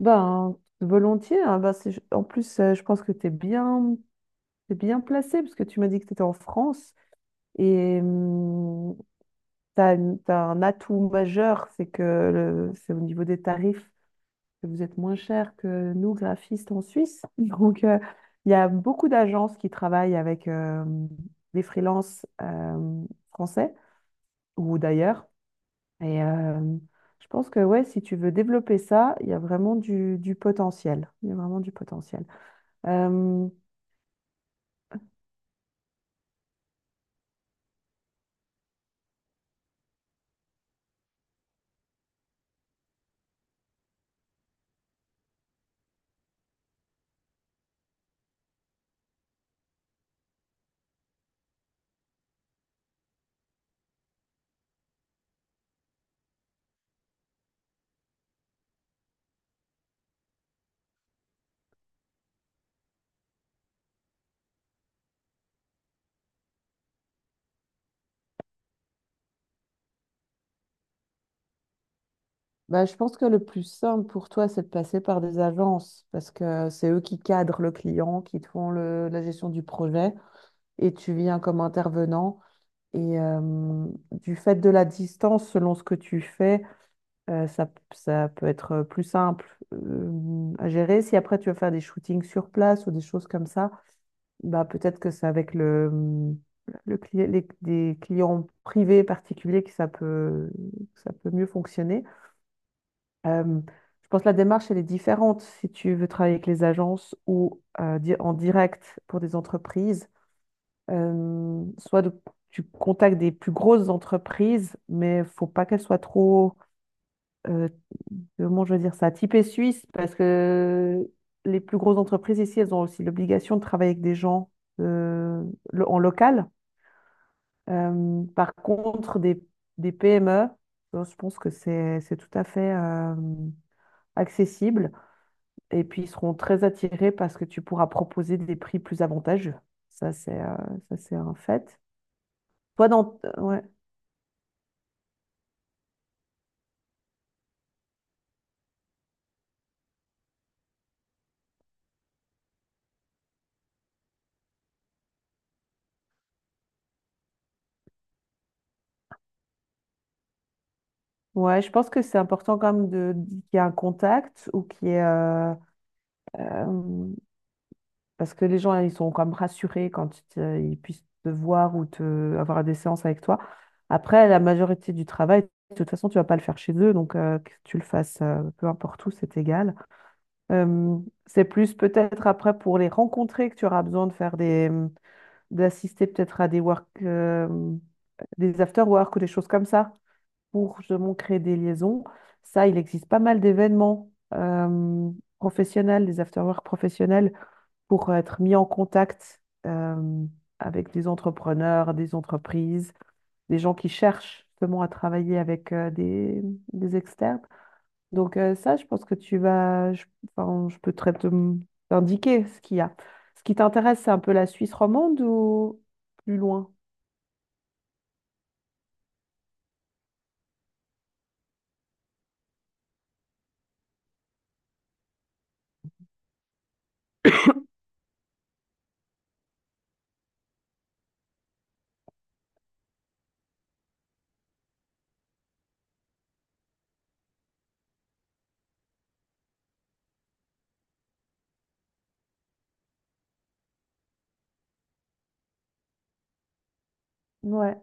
Ben, volontiers, hein. Ben, c'est- en plus, je pense que t'es bien placé parce que tu m'as dit que tu étais en France et tu as un atout majeur. C'est que le- c'est au niveau des tarifs que vous êtes moins cher que nous, graphistes en Suisse. Donc, il y a beaucoup d'agences qui travaillent avec des freelances français ou d'ailleurs. Et euh, je pense que ouais, si tu veux développer ça, il y a vraiment du potentiel. Il y a vraiment du potentiel. Euh, bah, je pense que le plus simple pour toi, c'est de passer par des agences, parce que c'est eux qui cadrent le client, qui te font le- la gestion du projet, et tu viens comme intervenant. Et euh, du fait de la distance, selon ce que tu fais, ça, ça peut être plus simple à gérer. Si après tu veux faire des shootings sur place ou des choses comme ça, bah peut-être que c'est avec le, le cli- les, des clients privés particuliers que ça peut mieux fonctionner. Euh, je pense que la démarche, elle est différente si tu veux travailler avec les agences ou di- en direct pour des entreprises. Soit de- tu contactes des plus grosses entreprises, mais faut pas qu'elles soient trop euh, comment je veux dire ça? Typé suisse, parce que les plus grosses entreprises ici, elles ont aussi l'obligation de travailler avec des gens euh, lo- en local. Par contre, des PME, je pense que c'est tout à fait accessible. Et puis, ils seront très attirés parce que tu pourras proposer des prix plus avantageux. Ça, c'est euh, ça, c'est un fait. Toi, dans... ouais. Ouais, je pense que c'est important quand même de, qu'il y ait un contact ou qu'il y ait... euh, parce que les gens, ils sont quand même rassurés quand ils, te- ils puissent te voir ou te, avoir des séances avec toi. Après, la majorité du travail, de toute façon, tu vas pas le faire chez eux, donc que tu le fasses peu importe où, c'est égal. Euh, c'est plus peut-être après pour les rencontrer que tu auras besoin de faire des, d'assister peut-être à des work, des after work ou des choses comme ça, pour justement créer des liaisons. Ça, il existe pas mal d'événements professionnels, des after work professionnels pour être mis en contact avec des entrepreneurs, des entreprises, des gens qui cherchent justement à travailler avec des externes. Donc ça, je pense que tu vas, je, enfin, je peux très te t'indiquer ce qu'il y a. Ce qui t'intéresse, c'est un peu la Suisse romande ou plus loin? Ouais,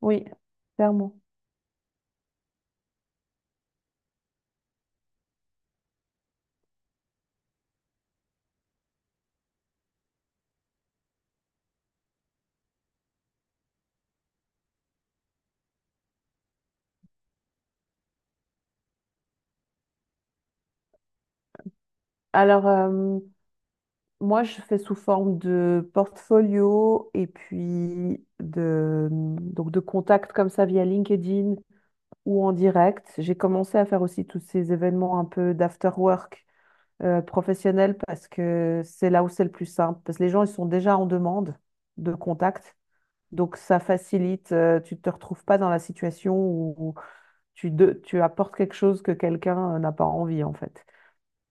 oui, clairement. Alors, moi, je fais sous forme de portfolio et puis de, donc de contacts comme ça via LinkedIn ou en direct. J'ai commencé à faire aussi tous ces événements un peu d'after work professionnel, parce que c'est là où c'est le plus simple. Parce que les gens, ils sont déjà en demande de contact. Donc ça facilite, tu ne te retrouves pas dans la situation où tu, de- tu apportes quelque chose que quelqu'un n'a pas envie en fait.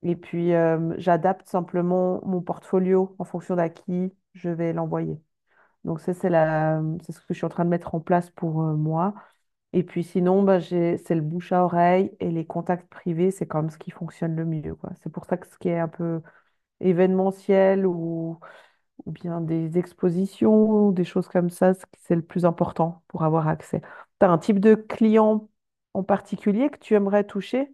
Et puis j'adapte simplement mon portfolio en fonction d'à qui je vais l'envoyer. Donc ça, c'est la, c'est ce que je suis en train de mettre en place pour moi. Et puis sinon, bah, j'ai, c'est le bouche à oreille et les contacts privés, c'est quand même ce qui fonctionne le mieux, quoi. C'est pour ça que ce qui est un peu événementiel ou bien des expositions, ou des choses comme ça, c'est le plus important pour avoir accès. Tu as un type de client en particulier que tu aimerais toucher?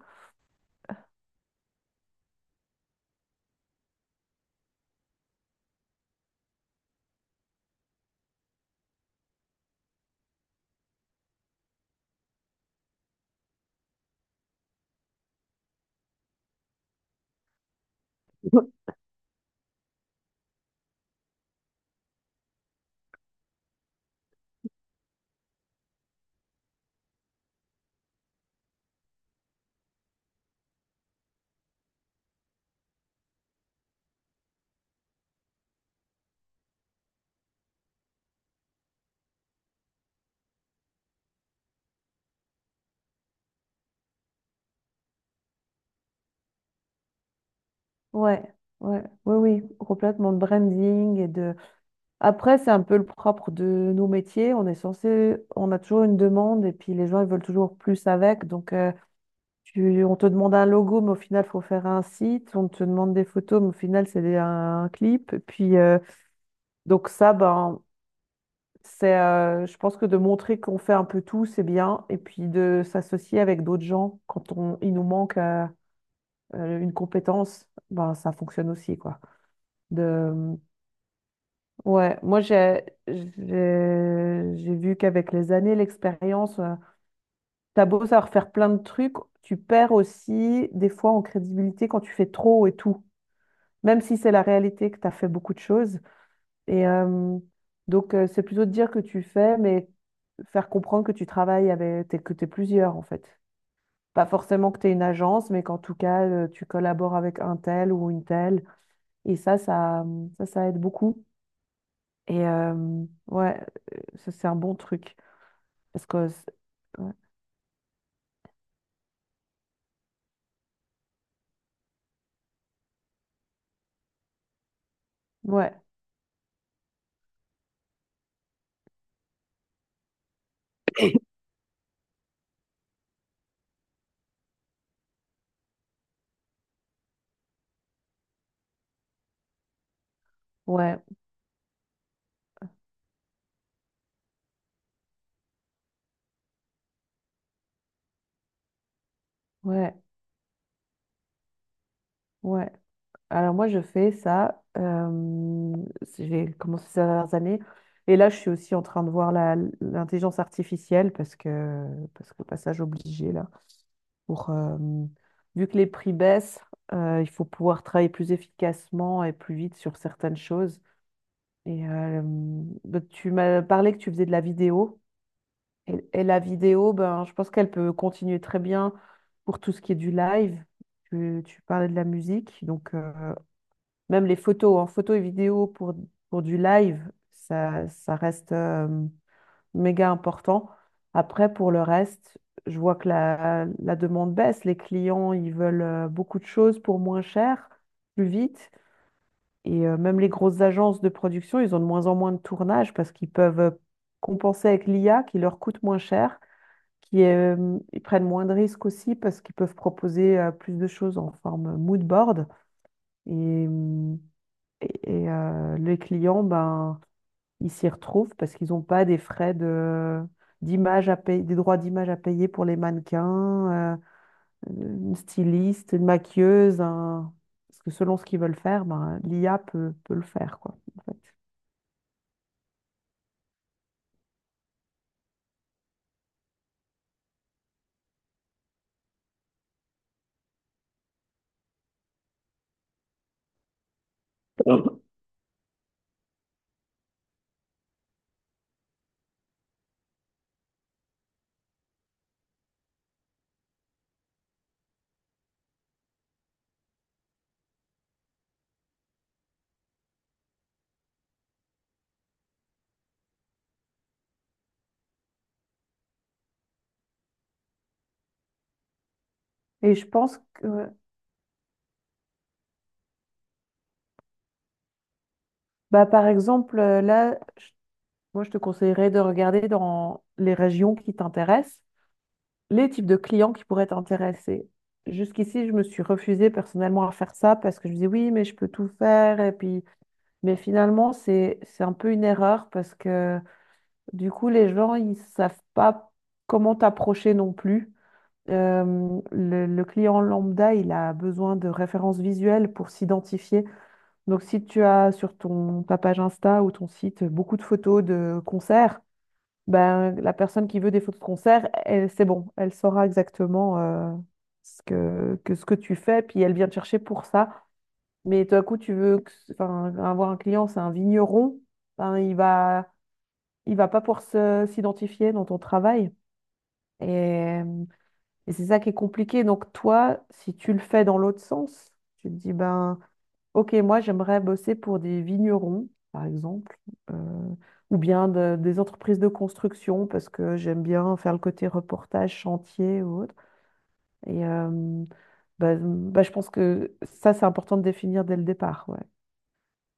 Ouais, ouais, oui, oui, complètement de branding et de, après, c'est un peu le propre de nos métiers. On est censé, on a toujours une demande et puis les gens, ils veulent toujours plus avec. Donc, tu- on te demande un logo, mais au final, il faut faire un site. On te demande des photos, mais au final, c'est des- un, clip. Puis, donc ça, ben, c'est, je pense que de montrer qu'on fait un peu tout, c'est bien. Et puis de s'associer avec d'autres gens quand on, il nous manque une compétence, ben, ça fonctionne aussi, quoi. De, ouais, moi j'ai vu qu'avec les années, l'expérience, t'as beau savoir faire plein de trucs, tu perds aussi des fois en crédibilité quand tu fais trop et tout, même si c'est la réalité que t'as fait beaucoup de choses. Et euh, donc c'est plutôt de dire que tu fais, mais faire comprendre que tu travailles avec, t'es- que t'es plusieurs en fait. Pas forcément que t'es une agence, mais qu'en tout cas tu collabores avec un tel ou une telle. Et ça, ça aide beaucoup. Et euh, ouais, Ça, c'est un bon truc. Parce que, c'est- ouais, ouais, ouais, ouais. Alors moi, je fais ça. J'ai commencé ces dernières années. Et là, je suis aussi en train de voir la- l'intelligence artificielle, parce que passage obligé, là. Pour, vu que les prix baissent, il faut pouvoir travailler plus efficacement et plus vite sur certaines choses. Et euh, donc, tu m'as parlé que tu faisais de la vidéo. Et la vidéo, ben, je pense qu'elle peut continuer très bien pour tout ce qui est du live. Tu parlais de la musique, donc même les photos, en photo et vidéo pour du live, ça reste méga important. Après, pour le reste, je vois que la demande baisse. Les clients, ils veulent beaucoup de choses pour moins cher, plus vite. Même les grosses agences de production, ils ont de moins en moins de tournage, parce qu'ils peuvent compenser avec l'IA qui leur coûte moins cher, qui ils prennent moins de risques aussi parce qu'ils peuvent proposer plus de choses en forme mood board et, euh, et les clients ben ils s'y retrouvent parce qu'ils n'ont pas des frais de d'image à payer, des droits d'image à payer pour les mannequins, une styliste, une maquilleuse, un- parce que selon ce qu'ils veulent faire, ben, l'IA peut, peut le faire quoi, en fait. Et je pense que, bah, par exemple, là, moi, je te conseillerais de regarder dans les régions qui t'intéressent, les types de clients qui pourraient t'intéresser. Jusqu'ici, je me suis refusée personnellement à faire ça parce que je me disais oui, mais je peux tout faire. Et puis, mais finalement, c'est un peu une erreur parce que du coup, les gens, ils savent pas comment t'approcher non plus. Le client lambda, il a besoin de références visuelles pour s'identifier. Donc, si tu as sur ton, ta page Insta ou ton site beaucoup de photos de concerts, ben, la personne qui veut des photos de concert, elle, c'est bon, elle saura exactement ce que ce que tu fais, puis elle vient te chercher pour ça. Mais tout à coup, tu veux que- enfin, avoir un client, c'est un vigneron, ben, il va pas pouvoir se- s'identifier dans ton travail. Et, et c'est ça qui est compliqué. Donc toi, si tu le fais dans l'autre sens, tu te dis, ben, ok, moi j'aimerais bosser pour des vignerons, par exemple, euh, ou bien de- des entreprises de construction, parce que j'aime bien faire le côté reportage, chantier ou autre. Et euh, Bah, bah, je pense que ça, c'est important de définir dès le départ. Ouais.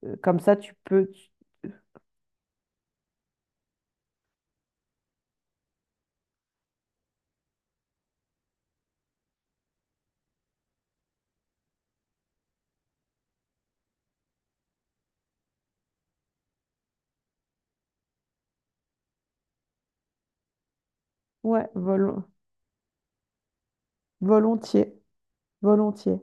Comme ça, tu peux... tu- ouais, volontiers, volontiers.